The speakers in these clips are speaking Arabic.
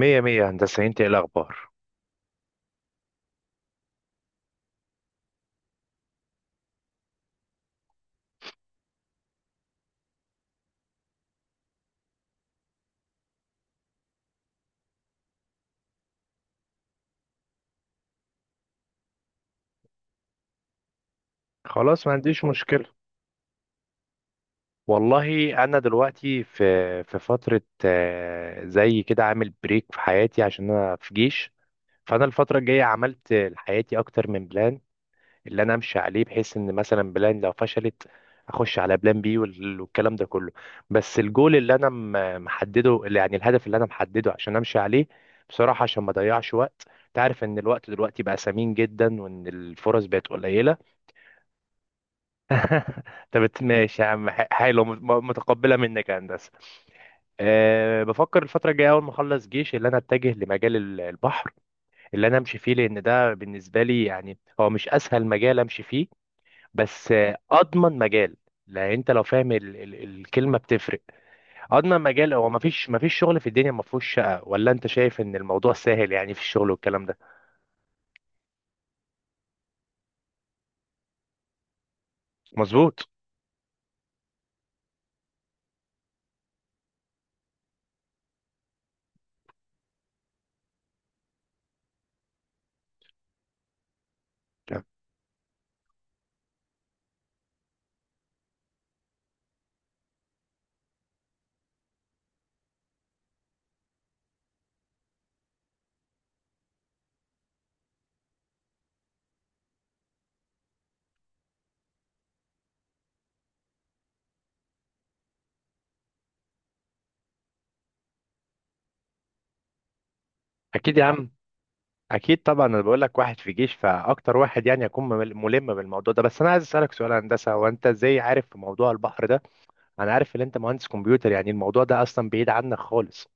مية مية يا هندسة، انت ايه الأخبار؟ خلاص ما عنديش مشكلة. والله أنا دلوقتي في فترة زي كده عامل بريك في حياتي عشان أنا في جيش. فأنا الفترة الجاية عملت لحياتي أكتر من بلان اللي أنا أمشي عليه، بحيث إن مثلا بلان لو فشلت أخش على بلان بي والكلام ده كله. بس الجول اللي أنا محدده، اللي يعني الهدف اللي أنا محدده عشان أمشي عليه بصراحة عشان ما أضيعش وقت. تعرف إن الوقت دلوقتي بقى ثمين جدا وإن الفرص بقت قليلة. طب ماشي يا عم، حلو، متقبلة منك يا هندسة. أه، بفكر الفترة الجاية أول ما أخلص جيش اللي أنا أتجه لمجال البحر اللي أنا أمشي فيه، لأن ده بالنسبة لي يعني هو مش أسهل مجال أمشي فيه، بس أضمن مجال. لأن أنت لو فاهم ال الكلمة بتفرق. أضمن مجال هو، مفيش شغل في الدنيا مفهوش شقة، ولا أنت شايف إن الموضوع سهل يعني في الشغل والكلام ده؟ مظبوط. أكيد يا عم، اكيد طبعا. انا بقول لك واحد في جيش فاكتر واحد يعني يكون ملم بالموضوع ده. بس انا عايز اسالك سؤال يا هندسه، هو انت ازاي عارف في موضوع البحر ده؟ انا عارف ان انت مهندس كمبيوتر، يعني الموضوع ده اصلا بعيد عنك خالص.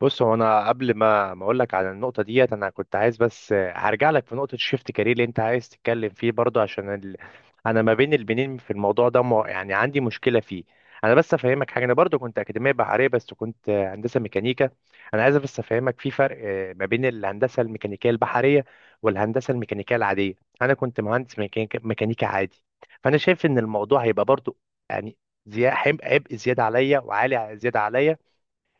بص، هو انا قبل ما اقول لك على النقطه ديت، انا كنت عايز بس، هرجع لك في نقطه شيفت كارير اللي انت عايز تتكلم فيه برضه. عشان ال... انا ما بين البنين في الموضوع ده يعني عندي مشكله فيه. انا بس افهمك حاجه، انا برضه كنت اكاديميه بحريه بس كنت هندسه ميكانيكا. انا عايز بس افهمك في فرق ما بين الهندسه الميكانيكيه البحريه والهندسه الميكانيكيه العاديه. انا كنت مهندس ميكانيكا عادي. فانا شايف ان الموضوع هيبقى برضه يعني، عبء، عبء زياده عليا وعالي زياده عليا.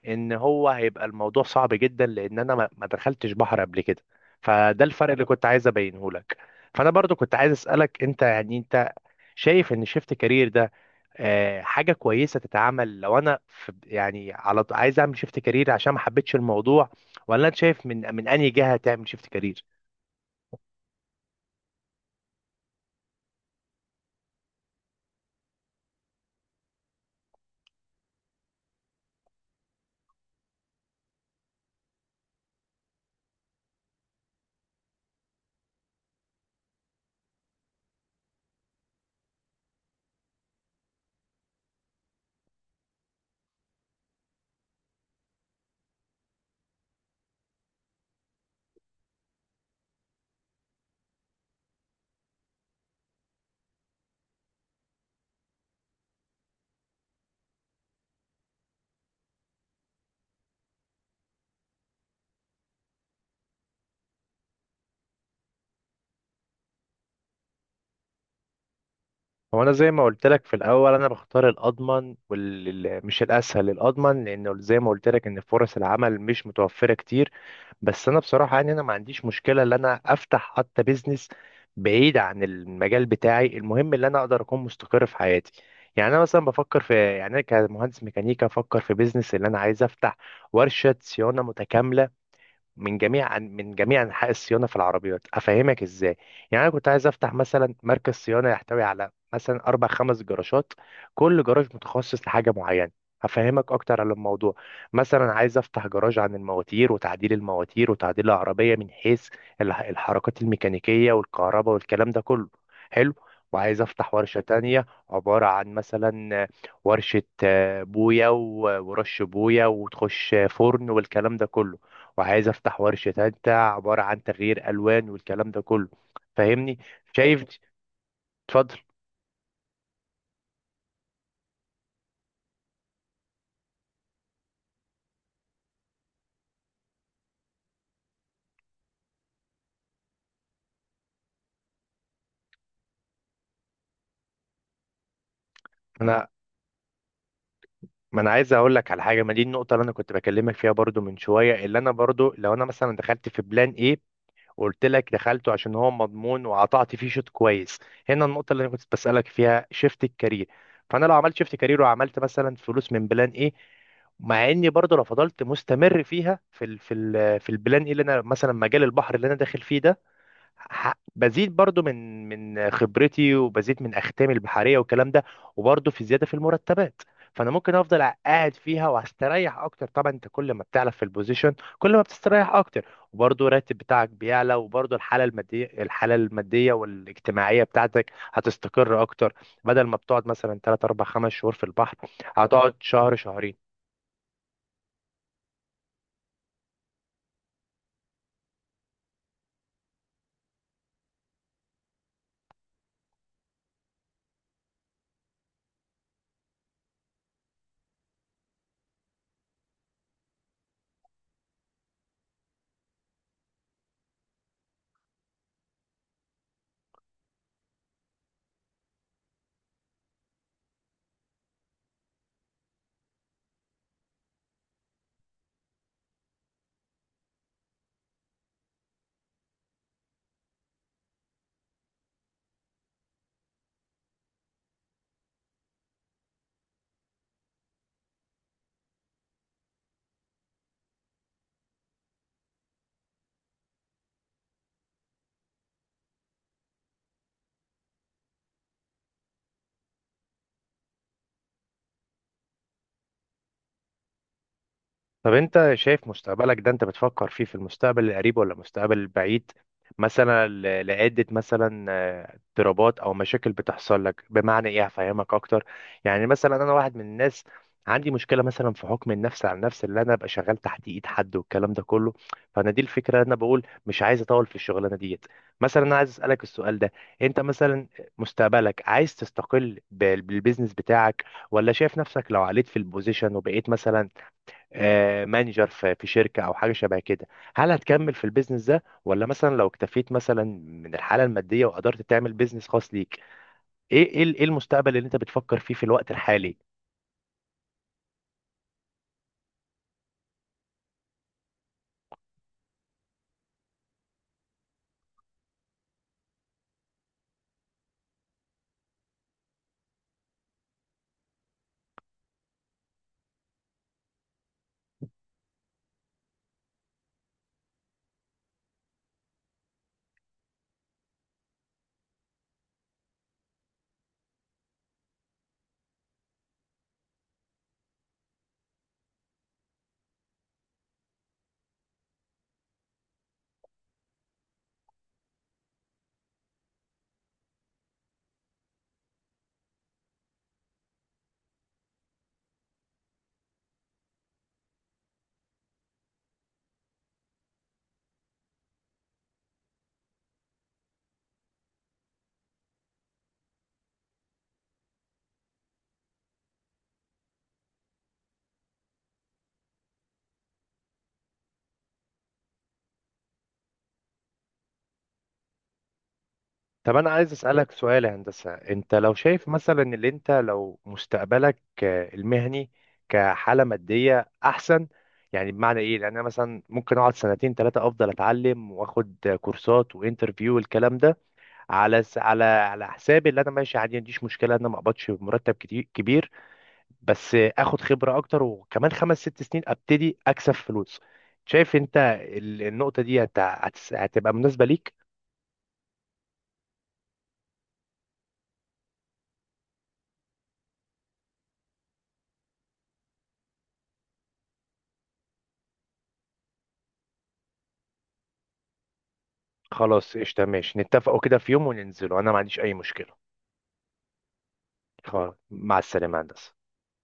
ان هو هيبقى الموضوع صعب جدا لان انا ما دخلتش بحر قبل كده. فده الفرق اللي كنت عايز ابينه لك. فانا برضو كنت عايز اسالك، انت يعني انت شايف ان شيفت كارير ده حاجه كويسه تتعمل لو انا في يعني، على عايز اعمل شيفت كارير عشان ما حبيتش الموضوع؟ ولا انت شايف من انهي جهه تعمل شيفت كارير؟ هو انا زي ما قلت لك في الاول، انا بختار الاضمن والمش الاسهل، الاضمن لانه زي ما قلت لك ان فرص العمل مش متوفره كتير. بس انا بصراحه يعني انا ما عنديش مشكله ان انا افتح حتى بيزنس بعيد عن المجال بتاعي، المهم ان انا اقدر اكون مستقر في حياتي. يعني انا مثلا بفكر في يعني، انا كمهندس ميكانيكا بفكر في بيزنس اللي انا عايز افتح ورشه صيانه متكامله من جميع انحاء الصيانه في العربيات. افهمك ازاي؟ يعني انا كنت عايز افتح مثلا مركز صيانه يحتوي على مثلا اربع خمس جراشات، كل جراج متخصص لحاجه معينه. هفهمك اكتر على الموضوع. مثلا عايز افتح جراج عن المواتير وتعديل المواتير وتعديل العربيه من حيث الحركات الميكانيكيه والكهرباء والكلام ده كله. حلو. وعايز افتح ورشه تانية عباره عن مثلا ورشه بويا، ورش بويا وتخش فرن والكلام ده كله. وعايز افتح ورشة تالتة عبارة عن تغيير الوان والكلام ده كله. فاهمني؟ شايف؟ اتفضل. انا، ما انا عايز اقول لك على حاجه. ما دي النقطه اللي انا كنت بكلمك فيها برضو من شويه، اللي انا برضو لو انا مثلا دخلت في بلان ايه وقلت لك دخلته عشان هو مضمون وقطعت فيه شوط كويس. هنا النقطه اللي انا كنت بسالك فيها شيفت الكارير. فانا لو عملت شيفت كارير وعملت مثلا فلوس من بلان ايه، مع اني برضو لو فضلت مستمر فيها في ال في ال في البلان ايه اللي انا مثلا مجال البحر اللي انا داخل فيه ده، بزيد برضو من خبرتي وبزيد من اختامي البحريه والكلام ده، وبرضو في زياده في المرتبات. فانا ممكن افضل قاعد فيها وهستريح اكتر. طبعا انت كل ما بتعلى في البوزيشن كل ما بتستريح اكتر، وبرضو الراتب بتاعك بيعلى، وبرضو الحاله الماديه والاجتماعيه بتاعتك هتستقر اكتر. بدل ما بتقعد مثلا 3 4 5 شهور في البحر، هتقعد شهر شهرين. طب انت شايف مستقبلك ده انت بتفكر فيه في المستقبل القريب ولا المستقبل البعيد؟ مثلا لعدة مثلا اضطرابات او مشاكل بتحصل لك. بمعنى ايه؟ هفهمك اكتر. يعني مثلا انا واحد من الناس عندي مشكلة مثلا في حكم النفس على النفس، اللي انا ابقى شغال تحت ايد حد والكلام ده كله. فانا دي الفكرة، انا بقول مش عايز اطول في الشغلانة ديت. مثلا انا عايز اسألك السؤال ده، انت مثلا مستقبلك عايز تستقل بالبيزنس بتاعك، ولا شايف نفسك لو عليت في البوزيشن وبقيت مثلا مانجر في في شركة أو حاجة شبه كده؟ هل هتكمل في البيزنس ده، ولا مثلا لو اكتفيت مثلا من الحالة المادية وقدرت تعمل بيزنس خاص ليك؟ إيه المستقبل اللي أنت بتفكر فيه في الوقت الحالي؟ طب انا عايز اسالك سؤال يا هندسه، انت لو شايف مثلا ان انت لو مستقبلك المهني كحاله ماديه احسن. يعني بمعنى ايه؟ لان انا مثلا ممكن اقعد 2 3 افضل اتعلم واخد كورسات وانترفيو والكلام ده، على على على حسابي اللي انا ماشي عادي، ما عنديش مشكله ان انا ما اقبضش مرتب كتير كبير، بس اخد خبره اكتر. وكمان 5 6 سنين ابتدي اكسب فلوس. شايف انت النقطه دي هتبقى مناسبه ليك؟ خلاص قشطة، ماشي نتفقوا كده في يوم وننزلوا، أنا ما عنديش أي مشكلة. خلاص، مع السلامة يا هندسة.